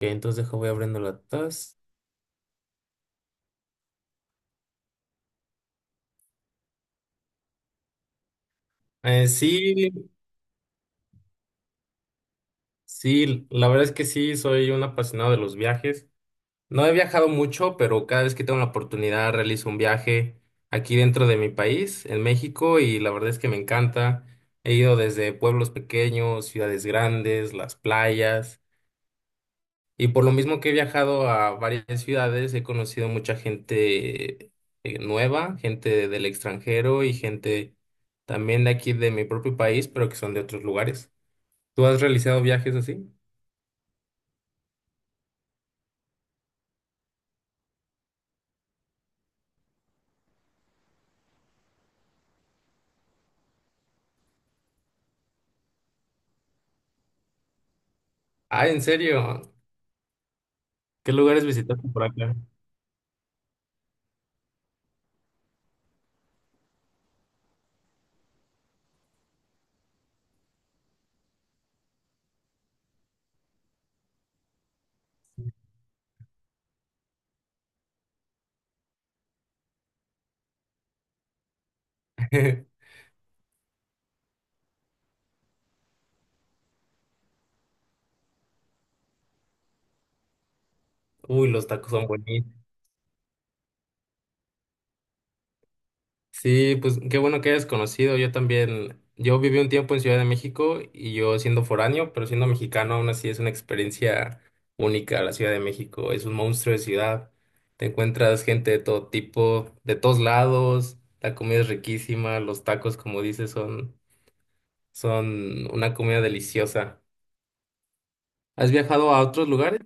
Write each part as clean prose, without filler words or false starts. Ok, entonces deja, voy abriendo la taza. Sí, sí, la verdad es que sí, soy un apasionado de los viajes. No he viajado mucho, pero cada vez que tengo la oportunidad realizo un viaje aquí dentro de mi país, en México, y la verdad es que me encanta. He ido desde pueblos pequeños, ciudades grandes, las playas. Y por lo mismo que he viajado a varias ciudades, he conocido mucha gente nueva, gente del extranjero y gente también de aquí de mi propio país, pero que son de otros lugares. ¿Tú has realizado viajes así? Ah, ¿en serio? ¿Qué lugares visitaste por acá? Uy, los tacos son buenísimos. Sí, pues qué bueno que hayas conocido. Yo también, yo viví un tiempo en Ciudad de México y yo siendo foráneo, pero siendo mexicano aún así es una experiencia única la Ciudad de México. Es un monstruo de ciudad. Te encuentras gente de todo tipo, de todos lados. La comida es riquísima. Los tacos, como dices, son una comida deliciosa. ¿Has viajado a otros lugares?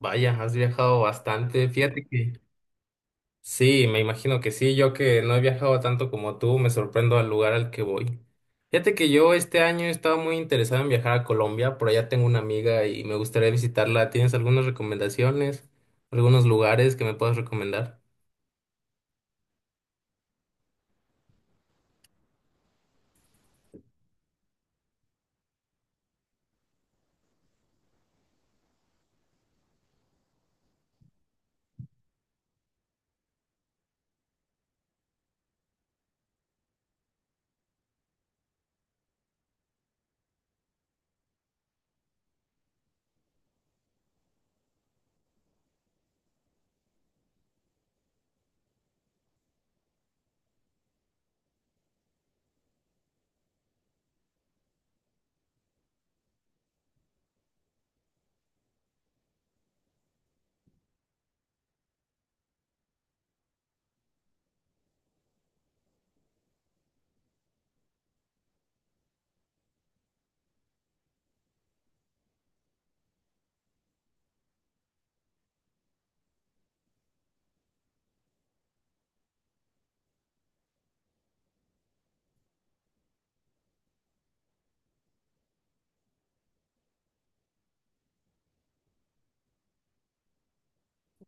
Vaya, has viajado bastante. Fíjate que... Sí, me imagino que sí. Yo que no he viajado tanto como tú, me sorprendo al lugar al que voy. Fíjate que yo este año estaba muy interesado en viajar a Colombia. Por allá tengo una amiga y me gustaría visitarla. ¿Tienes algunas recomendaciones? ¿Algunos lugares que me puedas recomendar?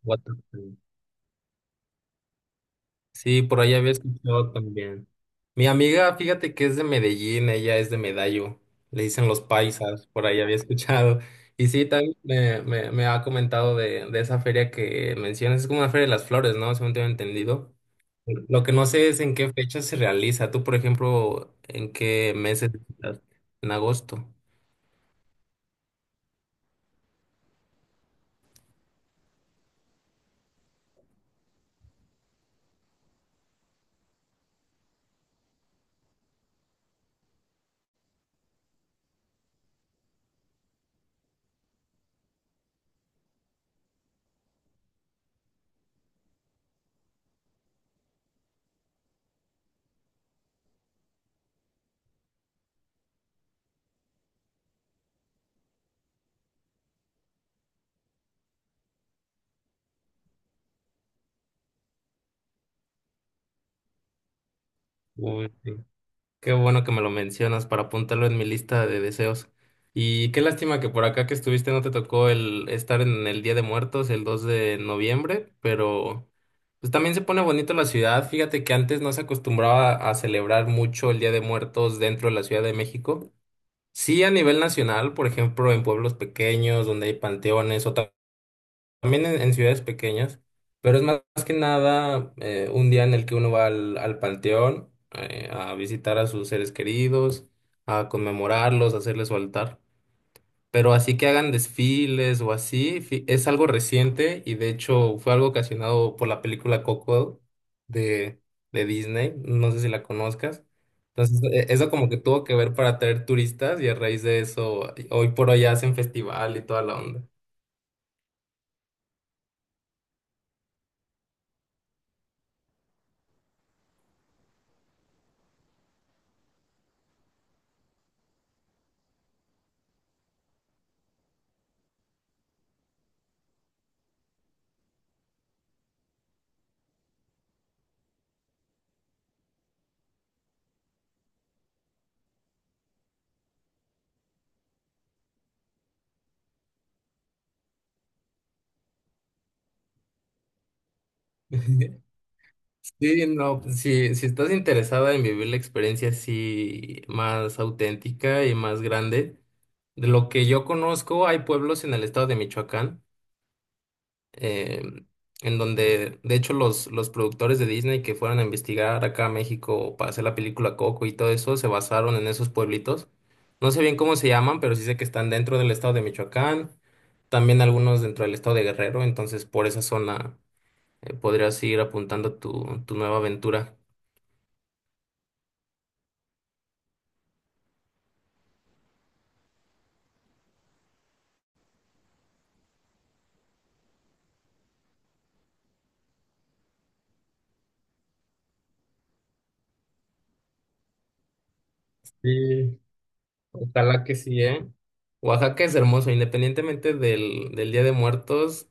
What? Sí, por ahí había escuchado también. Mi amiga, fíjate que es de Medellín, ella es de Medallo, le dicen los paisas, por ahí había escuchado. Y sí, también me ha comentado de esa feria que mencionas, es como una feria de las flores, ¿no? Según tengo entendido. Lo que no sé es en qué fecha se realiza. Tú, por ejemplo, ¿en qué meses visitas? En agosto. Uy, sí. Qué bueno que me lo mencionas para apuntarlo en mi lista de deseos. Y qué lástima que por acá que estuviste no te tocó el estar en el Día de Muertos el 2 de noviembre, pero pues también se pone bonito la ciudad. Fíjate que antes no se acostumbraba a celebrar mucho el Día de Muertos dentro de la Ciudad de México. Sí, a nivel nacional, por ejemplo, en pueblos pequeños donde hay panteones o también en ciudades pequeñas, pero es más que nada un día en el que uno va al panteón, a visitar a sus seres queridos, a conmemorarlos, a hacerles su altar. Pero así que hagan desfiles o así, es algo reciente y de hecho fue algo ocasionado por la película Coco de, de Disney, no sé si la conozcas. Entonces, eso como que tuvo que ver para atraer turistas y a raíz de eso, hoy por hoy hacen festival y toda la onda. Sí, no, pues, si, si estás interesada en vivir la experiencia así más auténtica y más grande, de lo que yo conozco, hay pueblos en el estado de Michoacán, eh, en donde, de hecho, los productores de Disney que fueron a investigar acá a México para hacer la película Coco y todo eso, se basaron en esos pueblitos. No sé bien cómo se llaman, pero sí sé que están dentro del estado de Michoacán, también algunos dentro del estado de Guerrero, entonces por esa zona, podrías ir apuntando tu nueva aventura. Sí. Ojalá que sí, ¿eh? Oaxaca es hermoso, independientemente del Día de Muertos,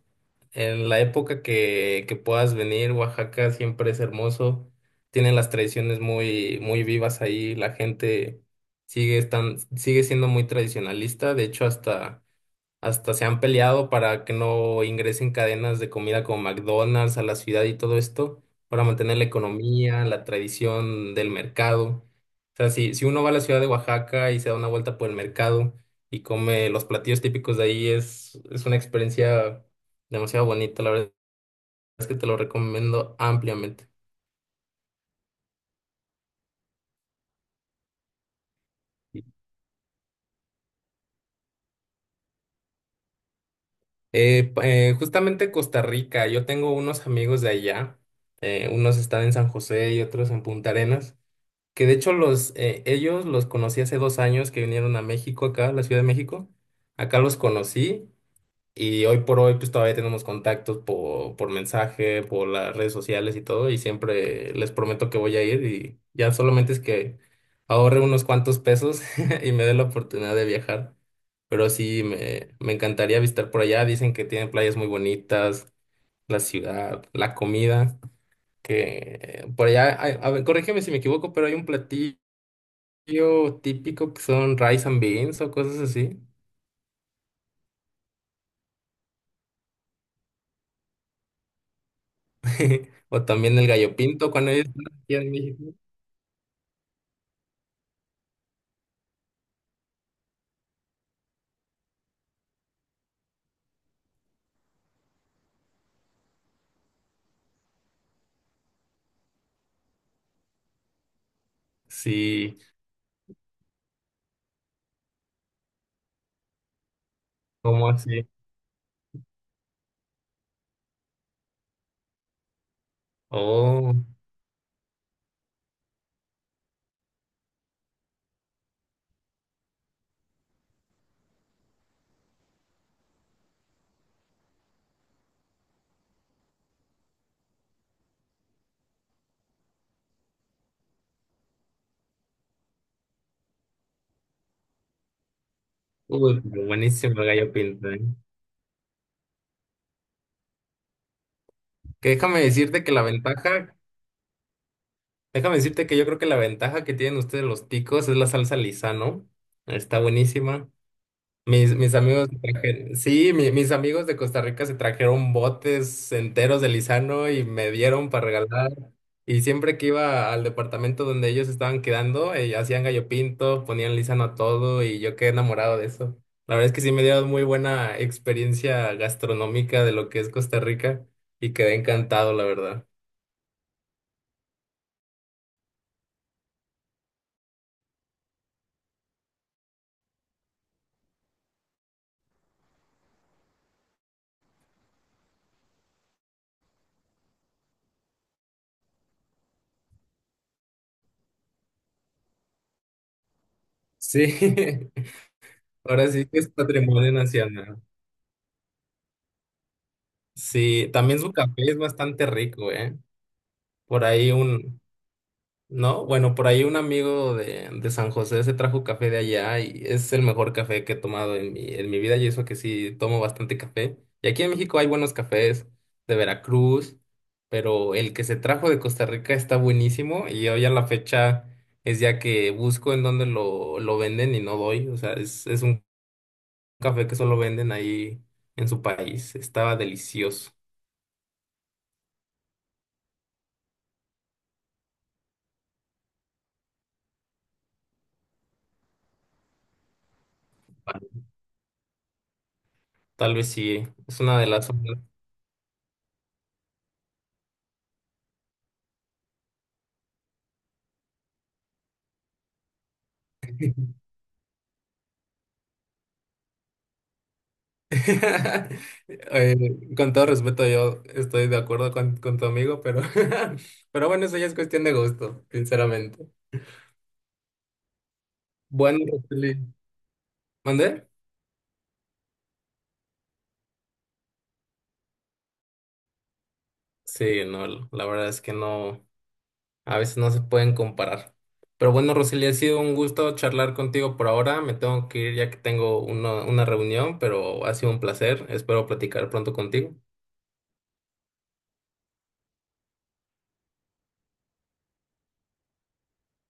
en la época que puedas venir, Oaxaca siempre es hermoso, tiene las tradiciones muy, muy vivas ahí, la gente sigue, sigue siendo muy tradicionalista, de hecho hasta... Hasta se han peleado para que no ingresen cadenas de comida como McDonald's a la ciudad y todo esto, para mantener la economía, la tradición del mercado. O sea, si, si uno va a la ciudad de Oaxaca y se da una vuelta por el mercado y come los platillos típicos de ahí, es una experiencia demasiado bonita. La verdad es que te lo recomiendo ampliamente. Justamente Costa Rica, yo tengo unos amigos de allá, unos están en San José y otros en Punta Arenas. Que de hecho ellos los conocí hace dos años que vinieron a México, acá, a la Ciudad de México. Acá los conocí y hoy por hoy pues todavía tenemos contactos por mensaje, por las redes sociales y todo. Y siempre les prometo que voy a ir y ya solamente es que ahorre unos cuantos pesos y me dé la oportunidad de viajar. Pero sí, me encantaría visitar por allá. Dicen que tienen playas muy bonitas, la ciudad, la comida, que por allá, a ver, corrígeme si me equivoco, pero hay un platillo típico que son rice and beans o cosas así. O también el gallo pinto cuando yo estaba aquí en México. Sí, ¿cómo así? Oh, uy, pero buenísimo el gallo pinto, ¿eh? Que déjame decirte que la ventaja, déjame decirte que yo creo que la ventaja que tienen ustedes los ticos es la salsa lisa, ¿no? Está buenísima. Mis amigos se trajeron, sí, mis amigos de Costa Rica se trajeron botes enteros de Lizano y me dieron para regalar. Y siempre que iba al departamento donde ellos estaban quedando, hacían gallo pinto, ponían Lizano a todo y yo quedé enamorado de eso. La verdad es que sí me dieron muy buena experiencia gastronómica de lo que es Costa Rica y quedé encantado, la verdad. Sí, ahora sí que es patrimonio nacional. Sí, también su café es bastante rico, ¿eh? Por ahí un... No, bueno, por ahí un amigo de San José se trajo café de allá y es el mejor café que he tomado en en mi vida y eso que sí tomo bastante café. Y aquí en México hay buenos cafés de Veracruz, pero el que se trajo de Costa Rica está buenísimo y hoy a la fecha es ya que busco en dónde lo venden y no doy. O sea, es un café que solo venden ahí en su país. Estaba delicioso. Tal vez sí, es una de las... Eh, con todo respeto, yo estoy de acuerdo con tu amigo, pero, pero bueno, eso ya es cuestión de gusto, sinceramente. Bueno, Roseli, ¿mandé? Sí, no, la verdad es que no, a veces no se pueden comparar. Pero bueno, Roseli, ha sido un gusto charlar contigo por ahora. Me tengo que ir ya que tengo una reunión, pero ha sido un placer. Espero platicar pronto contigo.